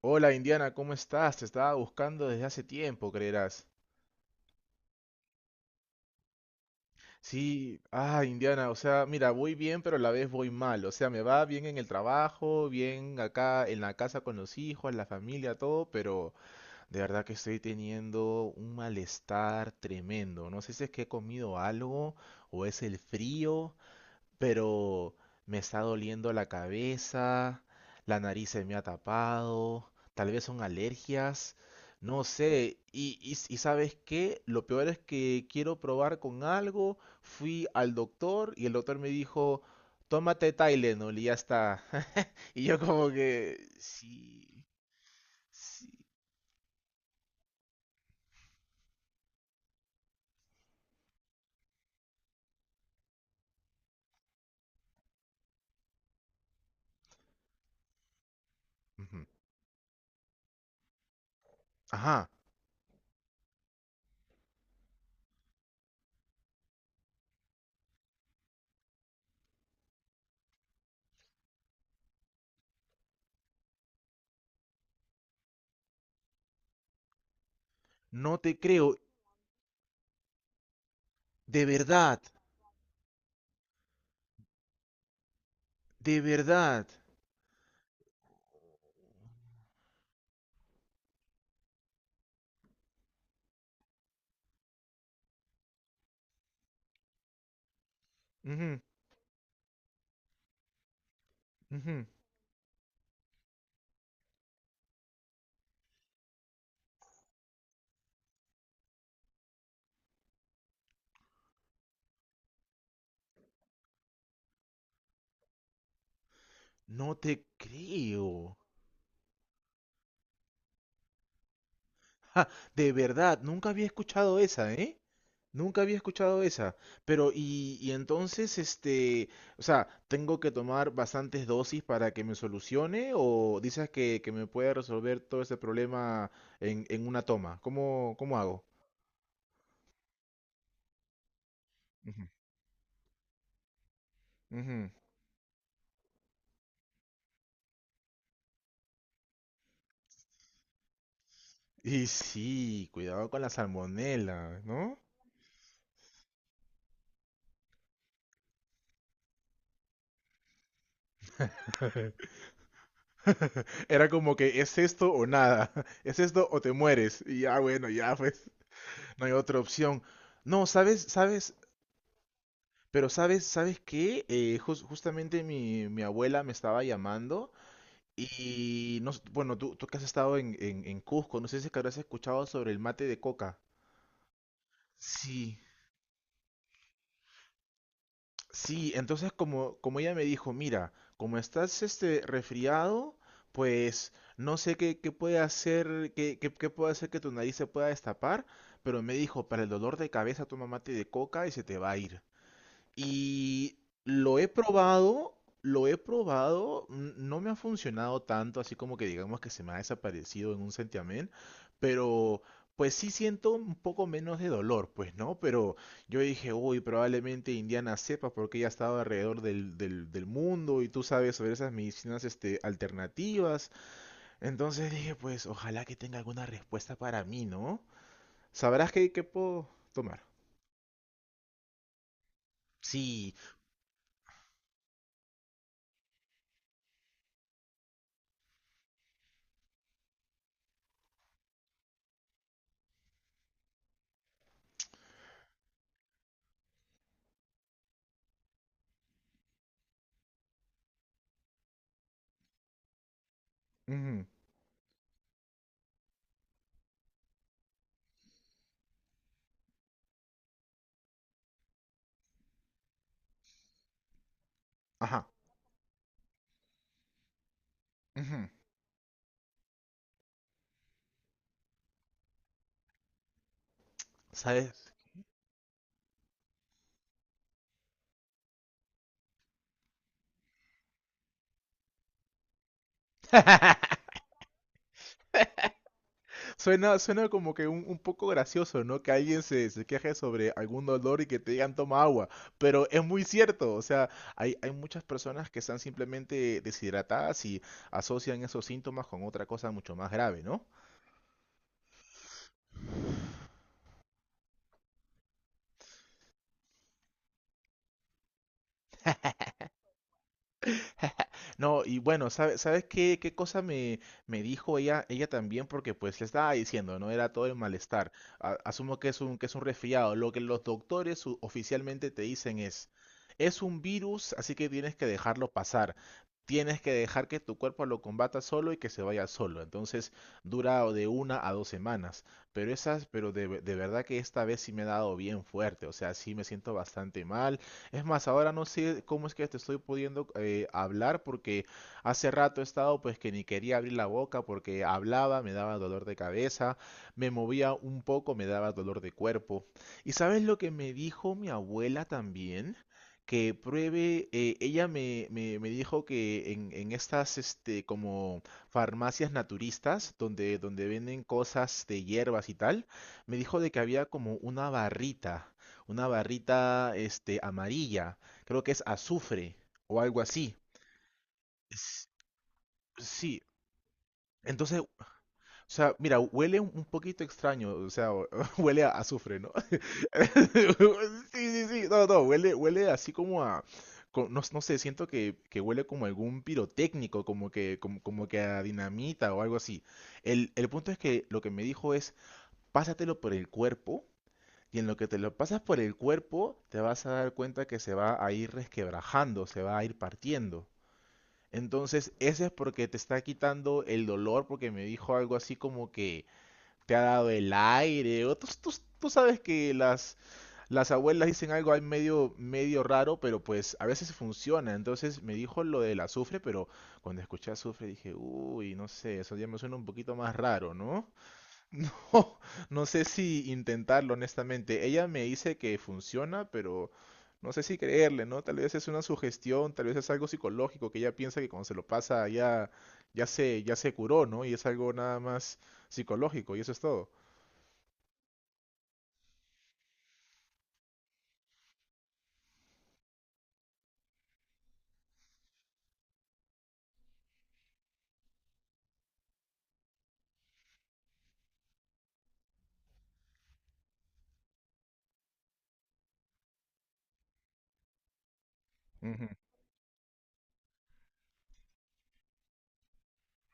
Hola Indiana, ¿cómo estás? Te estaba buscando desde hace tiempo, creerás. Sí, Indiana, o sea, mira, voy bien, pero a la vez voy mal. O sea, me va bien en el trabajo, bien acá en la casa con los hijos, la familia, todo, pero de verdad que estoy teniendo un malestar tremendo. No sé si es que he comido algo o es el frío. Pero me está doliendo la cabeza, la nariz se me ha tapado, tal vez son alergias, no sé. Y ¿sabes qué? Lo peor es que quiero probar con algo, fui al doctor y el doctor me dijo, tómate Tylenol y ya está. Y yo como que, sí, sí. Ujú. Ajá, no te creo, de verdad, de verdad. Ujú, ujú. No te creo. Ja, de verdad, nunca había escuchado esa, ¿eh? Nunca había escuchado esa. Pero, y entonces, este, o sea, ¿tengo que tomar bastantes dosis para que me solucione? ¿O dices que me puede resolver todo ese problema en una toma? ¿Cómo hago? Ujú, ujú. Y sí, cuidado con la salmonela, ¿no? Era como que es esto o nada, es esto o te mueres. Y ya, bueno, ya pues, no hay otra opción. No, ¿sabes? ¿Sabes? Pero sabes, ¿sabes qué? Justamente mi abuela me estaba llamando y no, bueno, tú que has estado en, en Cusco, no sé si es que habrás escuchado sobre el mate de coca. Sí, sí, entonces como ella me dijo, mira, como estás este resfriado, pues no sé qué puede hacer, qué puede hacer que tu nariz se pueda destapar, pero me dijo, para el dolor de cabeza toma mate de coca y se te va a ir. Y lo he probado, no me ha funcionado tanto, así como que digamos que se me ha desaparecido en un santiamén, pero pues sí siento un poco menos de dolor, pues, ¿no? Pero yo dije, uy, probablemente Indiana sepa porque ella ha estado alrededor del mundo y tú sabes sobre esas medicinas este, alternativas. Entonces dije, pues, ojalá que tenga alguna respuesta para mí, ¿no? ¿Sabrás qué puedo tomar? Sí. Ujú, ajá. Ujú. ¿Sabes? Suena como que un, poco gracioso, ¿no? Que alguien se queje sobre algún dolor y que te digan toma agua, pero es muy cierto, o sea, hay muchas personas que están simplemente deshidratadas y asocian esos síntomas con otra cosa mucho más grave, ¿no? No, y bueno, ¿sabes qué cosa me dijo ella también? Porque pues le estaba diciendo, ¿no? Era todo el malestar. Asumo que es un, resfriado. Lo que los doctores oficialmente te dicen es un virus, así que tienes que dejarlo pasar. Tienes que dejar que tu cuerpo lo combata solo y que se vaya solo. Entonces dura de 1 a 2 semanas. Pero esas, pero de, ve- de verdad que esta vez sí me ha dado bien fuerte. O sea, sí me siento bastante mal. Es más, ahora no sé cómo es que te estoy pudiendo hablar porque hace rato he estado pues que ni quería abrir la boca porque hablaba, me daba dolor de cabeza, me movía un poco, me daba dolor de cuerpo. ¿Y sabes lo que me dijo mi abuela también? Que pruebe, ella me dijo que en estas este, como farmacias naturistas, donde venden cosas de hierbas y tal, me dijo de que había como una barrita este, amarilla. Creo que es azufre o algo así. S- Sí, entonces, o sea, mira, huele un poquito extraño, o sea, huele a azufre, ¿no? Sí, sí, sí, no, no, huele así como a, no, no sé, siento que huele como algún pirotécnico, como que a dinamita o algo así. El punto es que lo que me dijo es, pásatelo por el cuerpo. Y en lo que te lo pasas por el cuerpo, te vas a dar cuenta que se va a ir resquebrajando, se va a ir partiendo. Entonces, ese es porque te está quitando el dolor, porque me dijo algo así como que te ha dado el aire. O tú sabes que las abuelas dicen algo ahí medio, medio raro, pero pues a veces funciona. Entonces me dijo lo del azufre, pero cuando escuché azufre dije, uy, no sé, eso ya me suena un poquito más raro, ¿no? No, no sé si intentarlo, honestamente. Ella me dice que funciona, pero no sé si creerle, ¿no? Tal vez es una sugestión, tal vez es algo psicológico que ella piensa que cuando se lo pasa ya se curó, ¿no? Y es algo nada más psicológico, y eso es todo. Ujú,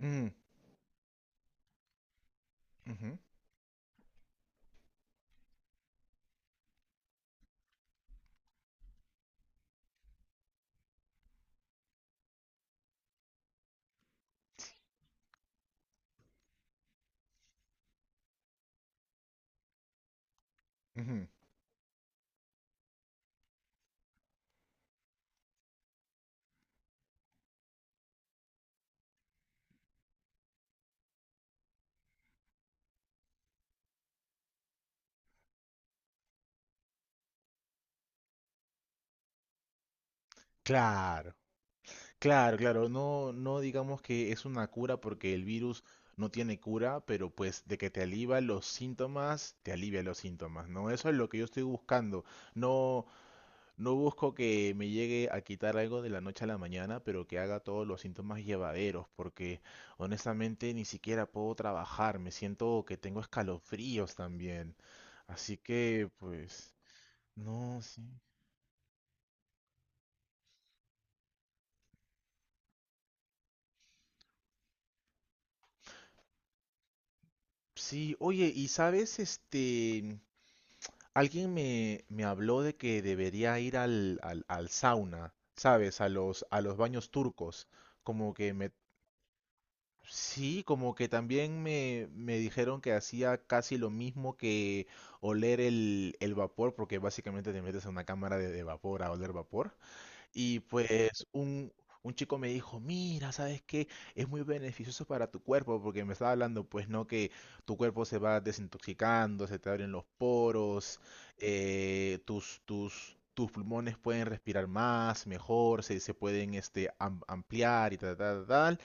mm, ujú, ujú. Claro, claro, claro. No, no digamos que es una cura porque el virus no tiene cura, pero pues de que te alivia los síntomas, te alivia los síntomas, ¿no? Eso es lo que yo estoy buscando. No, no busco que me llegue a quitar algo de la noche a la mañana, pero que haga todos los síntomas llevaderos, porque honestamente ni siquiera puedo trabajar, me siento que tengo escalofríos también. Así que, pues, no, sí. Sí, oye, y sabes, este, alguien me habló de que debería ir al sauna, ¿sabes? A los baños turcos, como que me, sí, como que también me dijeron que hacía casi lo mismo que oler el vapor, porque básicamente te metes en una cámara de vapor a oler vapor. Y pues un chico me dijo, mira, ¿sabes qué? Es muy beneficioso para tu cuerpo, porque me estaba hablando, pues no, que tu cuerpo se va desintoxicando, se te abren los poros, tus pulmones pueden respirar más, mejor, se pueden este, ampliar y tal, tal, tal.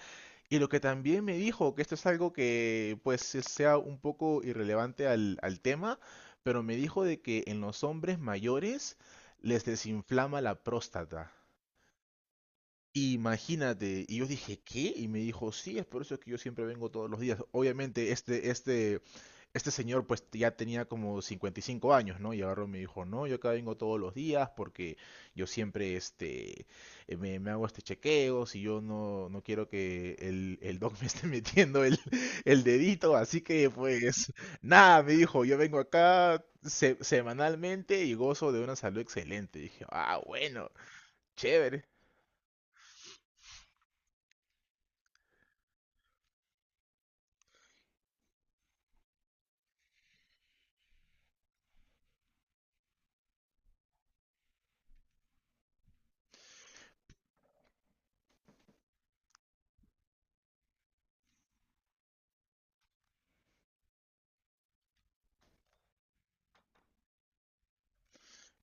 Y lo que también me dijo, que esto es algo que pues sea un poco irrelevante al tema, pero me dijo de que en los hombres mayores les desinflama la próstata. Imagínate, y yo dije, ¿qué? Y me dijo, sí, es por eso que yo siempre vengo todos los días. Obviamente, este señor pues ya tenía como 55 años, ¿no? Y agarró y me dijo, no, yo acá vengo todos los días porque yo siempre, este, me hago este chequeo, si yo no quiero que el doc me esté metiendo el dedito, así que pues, nada, me dijo, yo vengo acá semanalmente y gozo de una salud excelente. Dije, ah, bueno, chévere.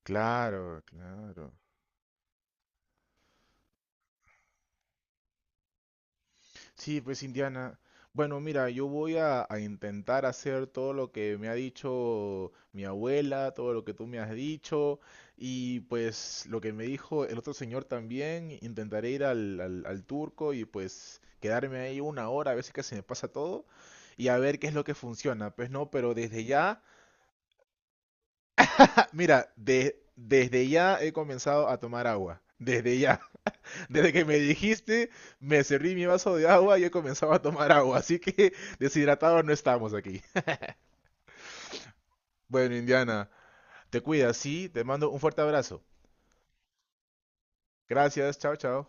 Claro, claro. Sí, pues Indiana. Bueno, mira, yo voy a intentar hacer todo lo que me ha dicho mi abuela, todo lo que tú me has dicho, y pues lo que me dijo el otro señor también. Intentaré ir al turco y pues quedarme ahí una hora, a ver si que se me pasa todo, y a ver qué es lo que funciona. Pues no, pero desde ya, mira, desde ya he comenzado a tomar agua. Desde ya. Desde que me dijiste, me serví mi vaso de agua y he comenzado a tomar agua, así que deshidratados no estamos aquí. Bueno, Indiana, te cuidas, sí, te mando un fuerte abrazo. Gracias, chao, chao.